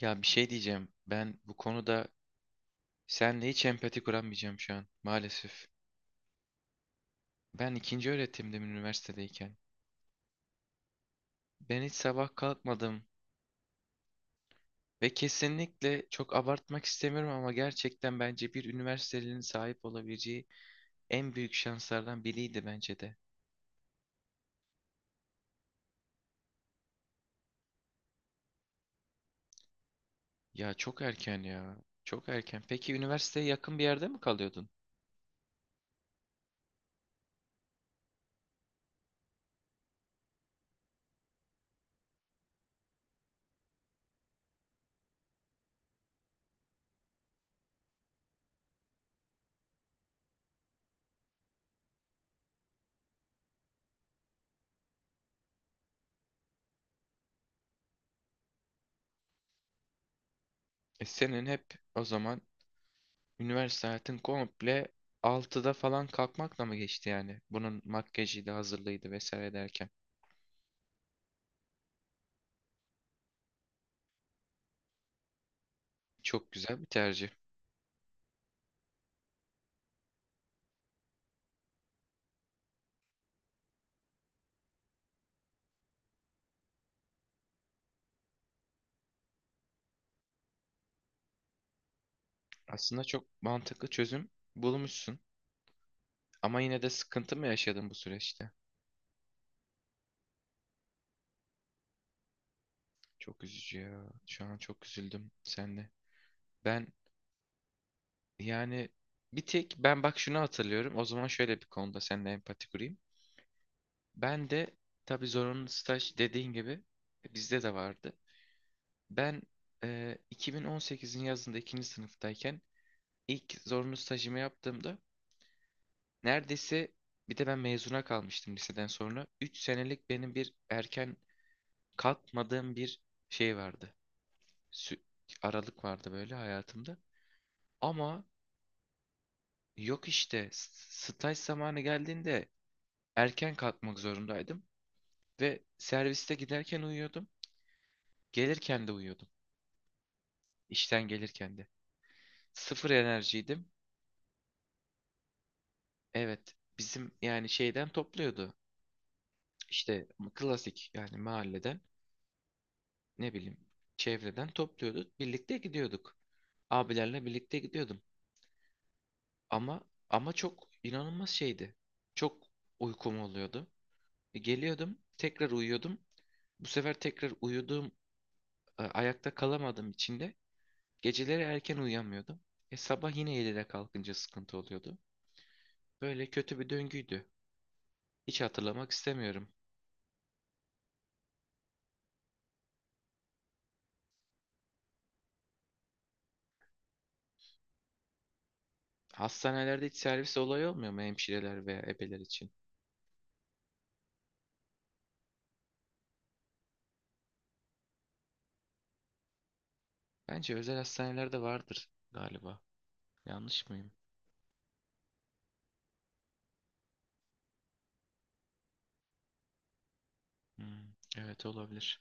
Ya bir şey diyeceğim. Ben bu konuda senle hiç empati kuramayacağım şu an maalesef. Ben ikinci öğretimdim üniversitedeyken. Ben hiç sabah kalkmadım ve kesinlikle çok abartmak istemiyorum ama gerçekten bence bir üniversitelinin sahip olabileceği en büyük şanslardan biriydi bence de. Ya çok erken ya. Çok erken. Peki üniversiteye yakın bir yerde mi kalıyordun? E senin hep o zaman üniversite hayatın komple 6'da falan kalkmakla mı geçti yani? Bunun makyajıydı, hazırlığıydı vesaire derken. Çok güzel bir tercih. Aslında çok mantıklı çözüm bulmuşsun. Ama yine de sıkıntı mı yaşadın bu süreçte? Çok üzücü ya. Şu an çok üzüldüm seninle. Ben yani bir tek ben bak şunu hatırlıyorum. O zaman şöyle bir konuda seninle empati kurayım. Ben de tabii zorunlu staj dediğin gibi bizde de vardı. Ben 2018'in yazında ikinci sınıftayken İlk zorunlu stajımı yaptığımda neredeyse bir de ben mezuna kalmıştım liseden sonra. 3 senelik benim bir erken kalkmadığım bir şey vardı. Sü- Aralık vardı böyle hayatımda. Ama yok işte staj zamanı geldiğinde erken kalkmak zorundaydım. Ve serviste giderken uyuyordum. Gelirken de uyuyordum. İşten gelirken de. Sıfır enerjiydim. Evet bizim yani şeyden topluyordu. İşte klasik yani mahalleden. Ne bileyim çevreden topluyorduk. Birlikte gidiyorduk. Abilerle birlikte gidiyordum. Ama ama çok inanılmaz şeydi. Çok uykum oluyordu. Geliyordum, tekrar uyuyordum. Bu sefer tekrar uyuduğum, ayakta kalamadığım için de geceleri erken uyuyamıyordum. Sabah yine 7'de kalkınca sıkıntı oluyordu. Böyle kötü bir döngüydü. Hiç hatırlamak istemiyorum. Hastanelerde hiç servis olayı olmuyor mu hemşireler veya ebeler için? Bence özel hastanelerde vardır galiba. Yanlış mıyım? Hmm, evet olabilir.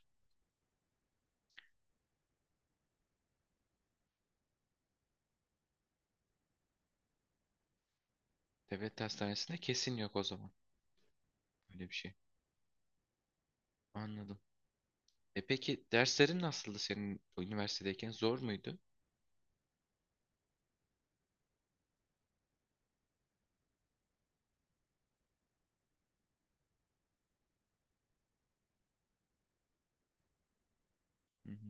Devlet hastanesinde kesin yok o zaman. Öyle bir şey. Anladım. Peki derslerin nasıldı senin üniversitedeyken? Zor muydu? Hı hı.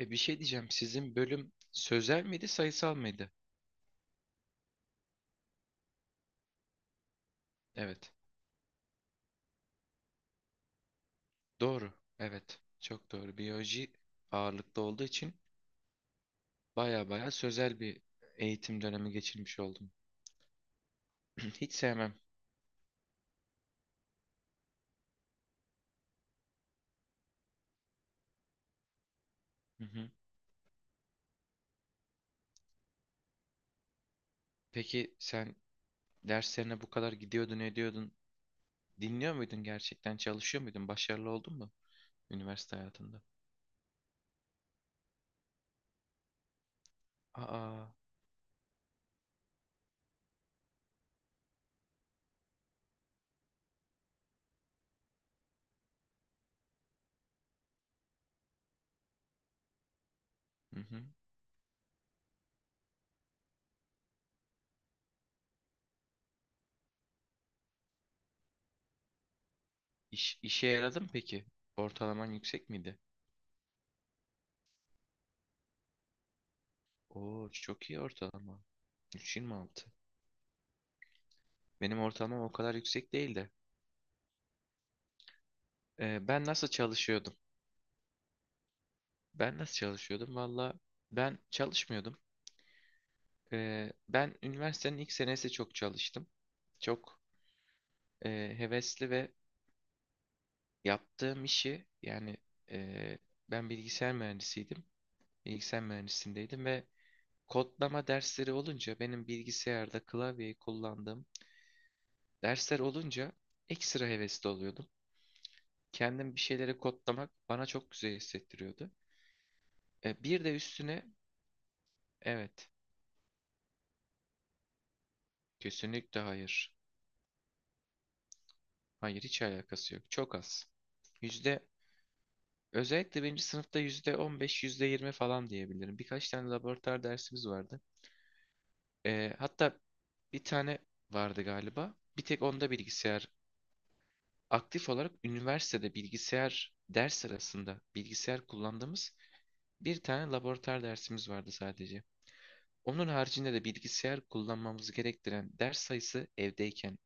Bir şey diyeceğim. Sizin bölüm sözel miydi, sayısal mıydı? Evet. Doğru. Evet. Çok doğru. Biyoloji ağırlıklı olduğu için baya baya sözel bir eğitim dönemi geçirmiş oldum. Hiç sevmem. Hı hı. Peki sen derslerine bu kadar gidiyordun, ediyordun. Dinliyor muydun gerçekten? Çalışıyor muydun? Başarılı oldun mu? Üniversite hayatında. Aa. Hı hı. İşe yaradı mı peki? Ortalaman yüksek miydi? Oo çok iyi ortalama. 3,26. Benim ortalamam o kadar yüksek değildi. Ben nasıl çalışıyordum? Ben nasıl çalışıyordum? Valla ben çalışmıyordum. Ben üniversitenin ilk senesi çok çalıştım. Çok e, hevesli ve yaptığım işi yani e, ben bilgisayar mühendisiydim. Bilgisayar mühendisindeydim ve kodlama dersleri olunca benim bilgisayarda klavyeyi kullandığım dersler olunca ekstra hevesli oluyordum. Kendim bir şeyleri kodlamak bana çok güzel hissettiriyordu. Bir de üstüne evet, kesinlikle hayır. Hayır hiç alakası yok. Çok az. Yüzde Özellikle birinci sınıfta yüzde 15 yüzde 20 falan diyebilirim. Birkaç tane laboratuvar dersimiz vardı. Hatta bir tane vardı galiba. Bir tek onda bilgisayar aktif olarak üniversitede bilgisayar ders sırasında bilgisayar kullandığımız bir tane laboratuvar dersimiz vardı sadece. Onun haricinde de bilgisayar kullanmamızı gerektiren ders sayısı evdeyken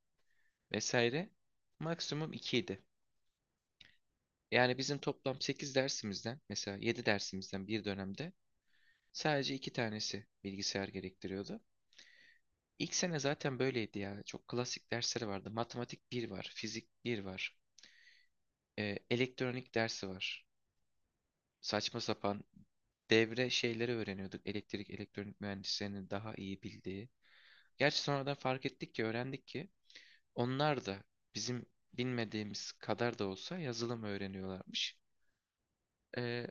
vesaire maksimum 2 idi. Yani bizim toplam 8 dersimizden mesela 7 dersimizden bir dönemde sadece 2 tanesi bilgisayar gerektiriyordu. İlk sene zaten böyleydi ya. Çok klasik dersleri vardı. Matematik bir var, fizik bir var, elektronik dersi var. Saçma sapan devre şeyleri öğreniyorduk. Elektrik, elektronik mühendislerinin daha iyi bildiği. Gerçi sonradan fark ettik ki, öğrendik ki onlar da bizim bilmediğimiz kadar da olsa yazılım öğreniyorlarmış. Ee,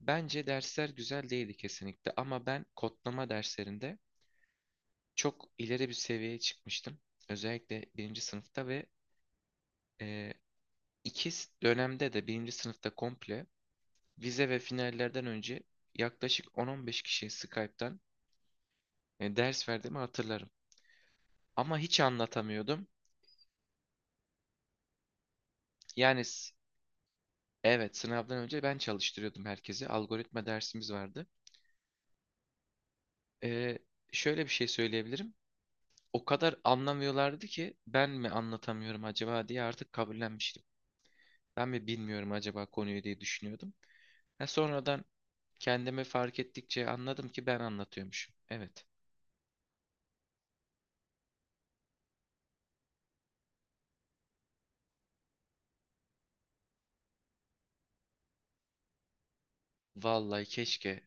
Bence dersler güzel değildi kesinlikle ama ben kodlama derslerinde çok ileri bir seviyeye çıkmıştım. Özellikle birinci sınıfta ve e, iki dönemde de birinci sınıfta komple vize ve finallerden önce yaklaşık 10-15 kişiyi Skype'tan yani ders verdiğimi hatırlarım. Ama hiç anlatamıyordum. Yani evet, sınavdan önce ben çalıştırıyordum herkesi. Algoritma dersimiz vardı. Ee, Şöyle bir şey söyleyebilirim. O kadar anlamıyorlardı ki ben mi anlatamıyorum acaba diye artık kabullenmiştim. Ben mi bilmiyorum acaba konuyu diye düşünüyordum. Ha, sonradan kendimi fark ettikçe anladım ki ben anlatıyormuşum. Evet. Vallahi keşke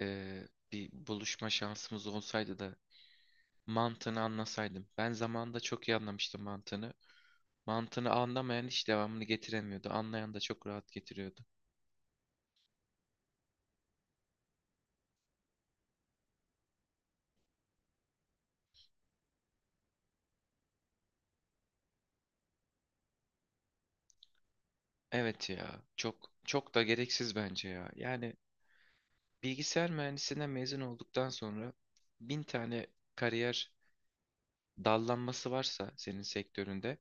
bir buluşma şansımız olsaydı da mantığını anlasaydım. Ben zamanında çok iyi anlamıştım mantığını. Mantığını anlamayan hiç devamını getiremiyordu. Anlayan da çok rahat getiriyordu. Evet ya, çok çok da gereksiz bence ya. Yani bilgisayar mühendisliğinden mezun olduktan sonra bin tane kariyer dallanması varsa senin sektöründe,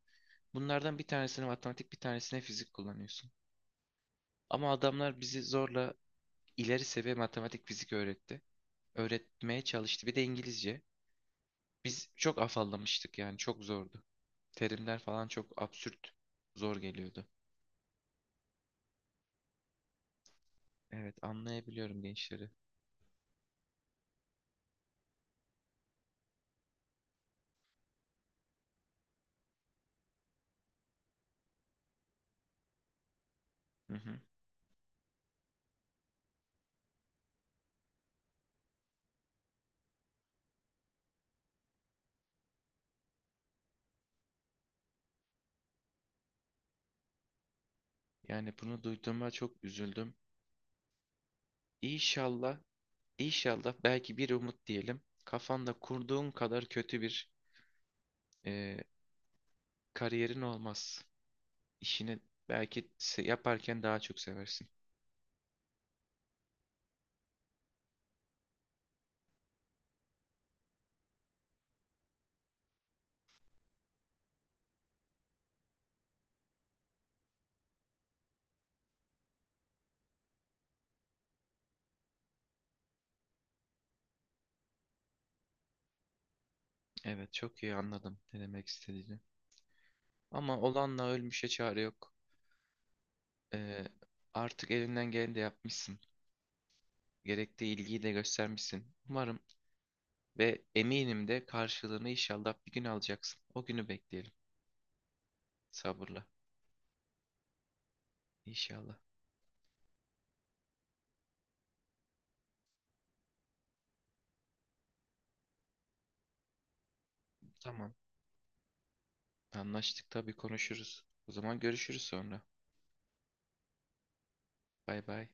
bunlardan bir tanesini matematik, bir tanesine fizik kullanıyorsun. Ama adamlar bizi zorla ileri seviye matematik, fizik öğretti. Öğretmeye çalıştı. Bir de İngilizce. Biz çok afallamıştık yani çok zordu. Terimler falan çok absürt, zor geliyordu. Evet anlayabiliyorum gençleri. Hı hı. Yani bunu duyduğuma çok üzüldüm. İnşallah, inşallah belki bir umut diyelim. Kafanda kurduğun kadar kötü bir e, kariyerin olmaz. İşini belki yaparken daha çok seversin. Evet çok iyi anladım ne demek istediğini. Ama olanla ölmüşe çare yok. E, Artık elinden geleni de yapmışsın. Gerektiği ilgiyi de göstermişsin. Umarım ve eminim de karşılığını inşallah bir gün alacaksın. O günü bekleyelim sabırla. İnşallah. Tamam. Anlaştık tabii konuşuruz. O zaman görüşürüz sonra. Bay bay.